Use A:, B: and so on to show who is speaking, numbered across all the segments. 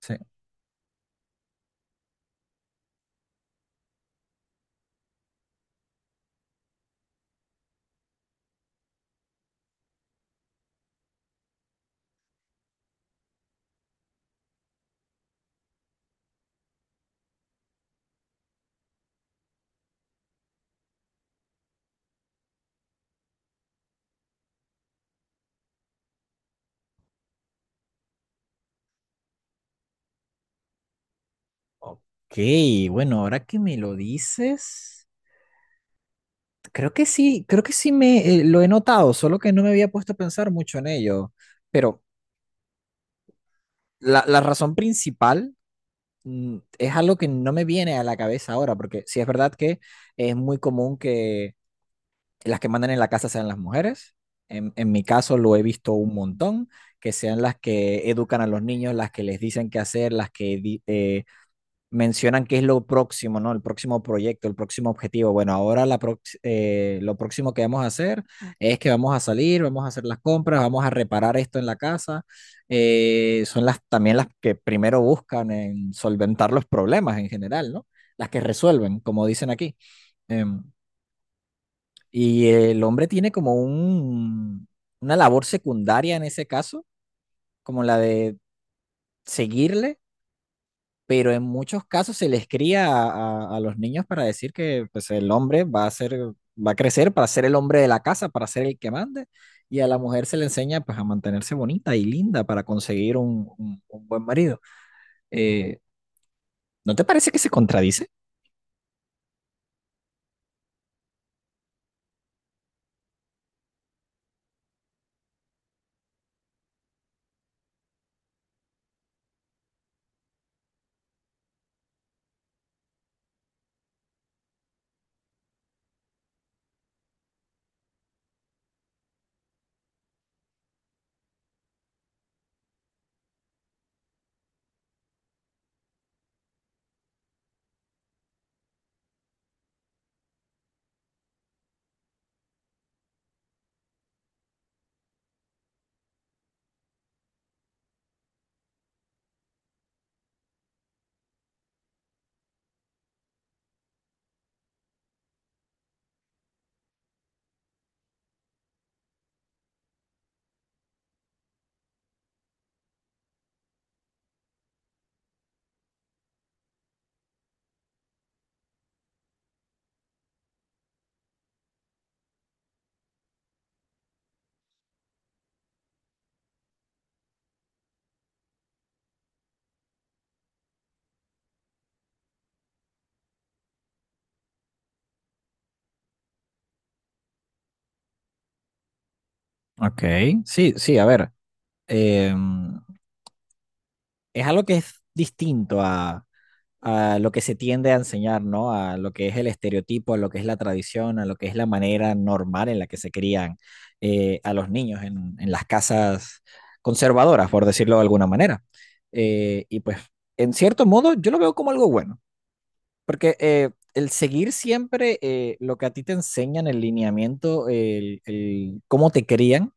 A: Sí. Ok, bueno, ahora que me lo dices, creo que sí me lo he notado, solo que no me había puesto a pensar mucho en ello. Pero la razón principal es algo que no me viene a la cabeza ahora, porque sí es verdad que es muy común que las que mandan en la casa sean las mujeres. En mi caso lo he visto un montón, que sean las que educan a los niños, las que les dicen qué hacer, las que mencionan qué es lo próximo, ¿no? El próximo proyecto, el próximo objetivo. Bueno, ahora lo próximo que vamos a hacer es que vamos a salir, vamos a hacer las compras, vamos a reparar esto en la casa. Son las también las que primero buscan en solventar los problemas en general, ¿no? Las que resuelven, como dicen aquí. Em, y el hombre tiene como una labor secundaria en ese caso, como la de seguirle, pero en muchos casos se les cría a los niños para decir que, pues, el hombre va a ser, va a crecer para ser el hombre de la casa, para ser el que mande, y a la mujer se le enseña, pues, a mantenerse bonita y linda para conseguir un buen marido. Eh, ¿No te parece que se contradice? Ok, sí, sí, a ver, em, es algo que es distinto a lo que se tiende a enseñar, ¿no? A lo que es el estereotipo, a lo que es la tradición, a lo que es la manera normal en la que se crían a los niños en, las casas conservadoras, por decirlo de alguna manera. Y pues, en cierto modo, yo lo veo como algo bueno, porque el seguir siempre lo que a ti te enseñan, el lineamiento, el cómo te crían,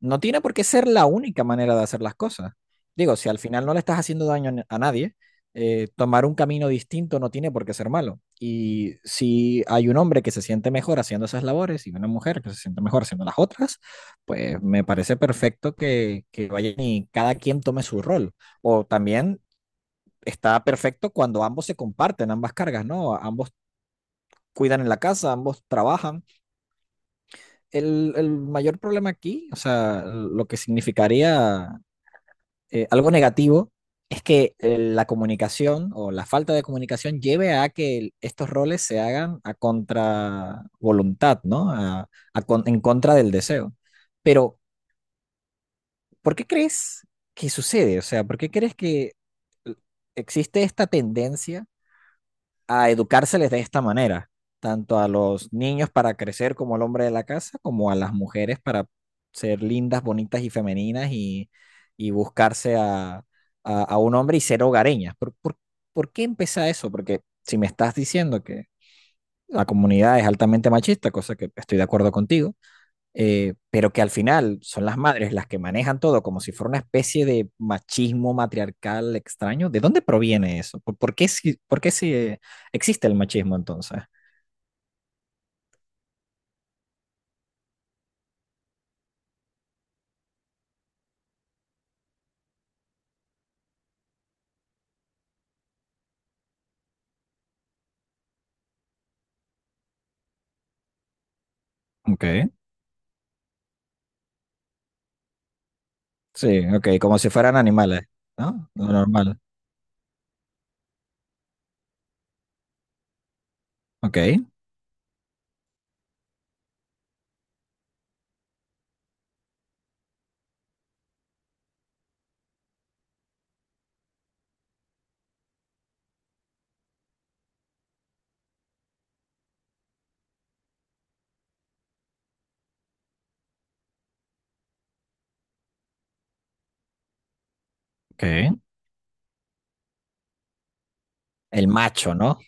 A: no tiene por qué ser la única manera de hacer las cosas. Digo, si al final no le estás haciendo daño a a nadie, tomar un camino distinto no tiene por qué ser malo. Y si hay un hombre que se siente mejor haciendo esas labores y una mujer que se siente mejor haciendo las otras, pues me parece perfecto que vayan y cada quien tome su rol. O también está perfecto cuando ambos se comparten, ambas cargas, ¿no? Ambos cuidan en la casa, ambos trabajan. El mayor problema aquí, o sea, lo que significaría algo negativo es que la comunicación o la falta de comunicación lleve a que estos roles se hagan a contra voluntad, ¿no? En contra del deseo. Pero, ¿por qué crees que sucede? O sea, ¿por qué crees que eh, existe esta tendencia a educárseles de esta manera, tanto a los niños para crecer como al hombre de la casa, como a las mujeres para ser lindas, bonitas y femeninas y buscarse a un hombre y ser hogareñas. Por qué empieza eso? Porque si me estás diciendo que la comunidad es altamente machista, cosa que estoy de acuerdo contigo, pero que al final son las madres las que manejan todo como si fuera una especie de machismo matriarcal extraño. ¿De dónde proviene eso? Por qué si, por qué si, existe el machismo entonces? Ok, sí, ok, como si fueran animales, ¿no? Lo normal. Ok, ok, el macho, ¿no?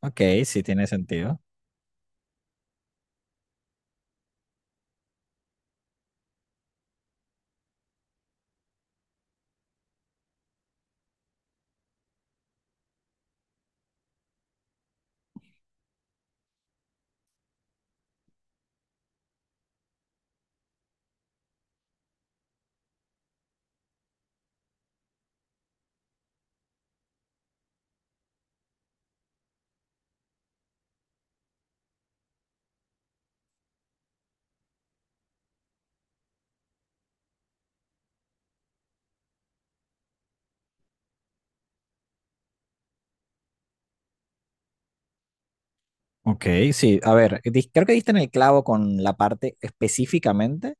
A: Ok, sí tiene sentido. Ok, sí, a ver, creo que diste en el clavo con la parte específicamente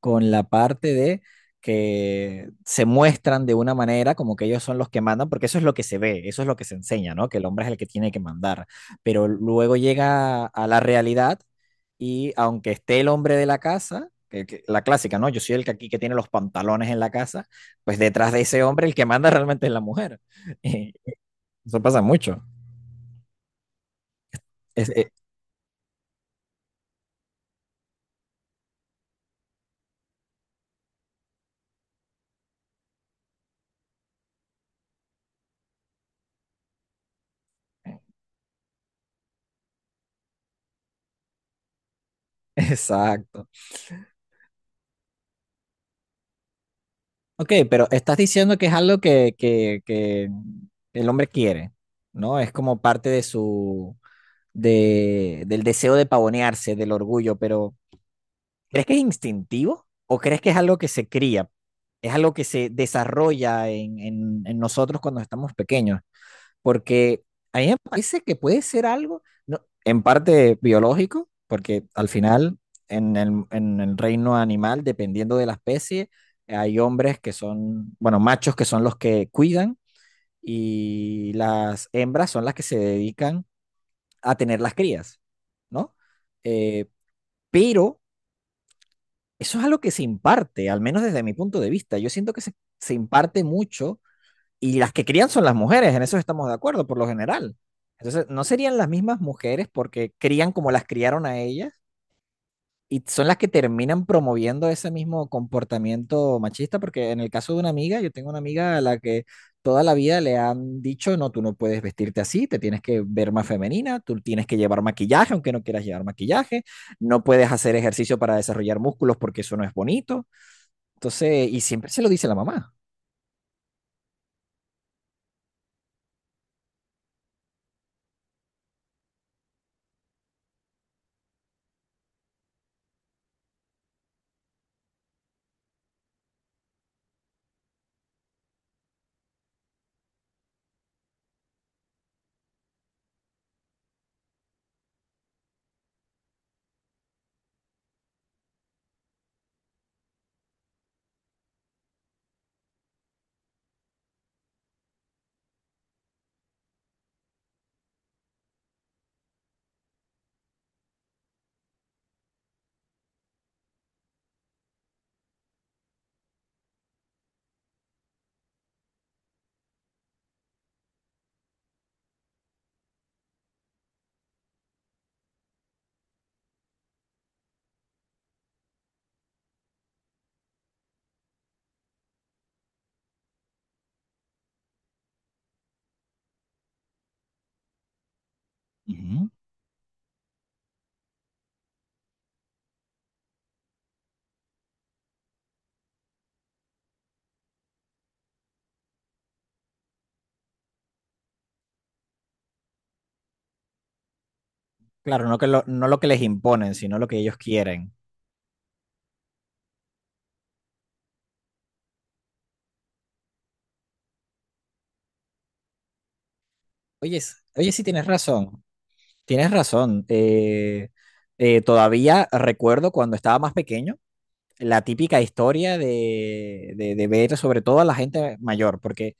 A: con la parte de que se muestran de una manera como que ellos son los que mandan, porque eso es lo que se ve, eso es lo que se enseña, ¿no? Que el hombre es el que tiene que mandar, pero luego llega a la realidad y aunque esté el hombre de la casa, la clásica, ¿no? Yo soy el que aquí que tiene los pantalones en la casa, pues detrás de ese hombre el que manda realmente es la mujer. Eso pasa mucho. Es- eh, exacto. Ok, pero estás diciendo que es algo que el hombre quiere, ¿no? Es como parte de su, de, del deseo de pavonearse, del orgullo, pero ¿crees que es instintivo o crees que es algo que se cría? Es algo que se desarrolla en nosotros cuando estamos pequeños porque a mí me parece que puede ser algo, no, en parte biológico, porque al final en en el reino animal, dependiendo de la especie, hay hombres que son, bueno, machos que son los que cuidan y las hembras son las que se dedican a tener las crías, ¿no? Eh, pero eso es algo que se imparte, al menos desde mi punto de vista. Yo siento que se imparte mucho y las que crían son las mujeres, en eso estamos de acuerdo por lo general. Entonces, ¿no serían las mismas mujeres porque crían como las criaron a ellas? Y son las que terminan promoviendo ese mismo comportamiento machista, porque en el caso de una amiga, yo tengo una amiga a la que toda la vida le han dicho, no, tú no puedes vestirte así, te tienes que ver más femenina, tú tienes que llevar maquillaje, aunque no quieras llevar maquillaje, no puedes hacer ejercicio para desarrollar músculos porque eso no es bonito. Entonces, y siempre se lo dice la mamá. Ujú. Claro, no, que lo, no lo que les imponen, sino lo que ellos quieren. Oye, oye, sí tienes razón, tienes razón. Todavía recuerdo cuando estaba más pequeño la típica historia de ver sobre todo a la gente mayor, porque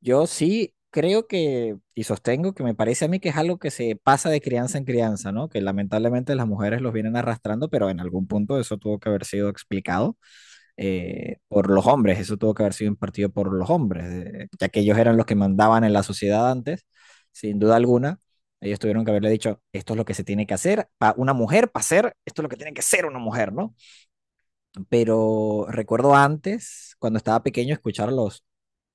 A: yo sí creo que, y sostengo que me parece a mí que es algo que se pasa de crianza en crianza, ¿no? Que lamentablemente las mujeres los vienen arrastrando, pero en algún punto eso tuvo que haber sido explicado. Por los hombres. Eso tuvo que haber sido impartido por los hombres, ya que ellos eran los que mandaban en la sociedad antes, sin duda alguna. Ellos tuvieron que haberle dicho, esto es lo que se tiene que hacer, para una mujer, para hacer esto es lo que tiene que ser una mujer, ¿no? Pero recuerdo antes, cuando estaba pequeño, escuchar a los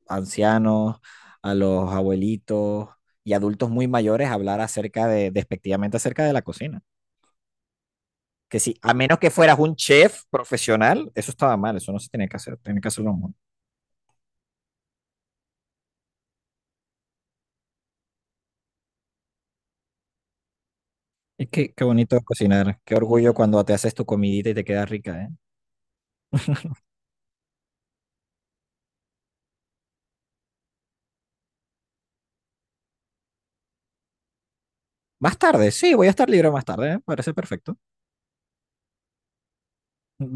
A: ancianos, a los abuelitos y adultos muy mayores hablar acerca de, despectivamente acerca de la cocina. Que sí, a menos que fueras un chef profesional, eso estaba mal, eso no se tenía que hacer, tenía que hacerlo. Y qué, qué bonito cocinar. Qué orgullo cuando te haces tu comidita y te queda rica, ¿eh? Más tarde, sí, voy a estar libre más tarde, ¿eh? Parece perfecto.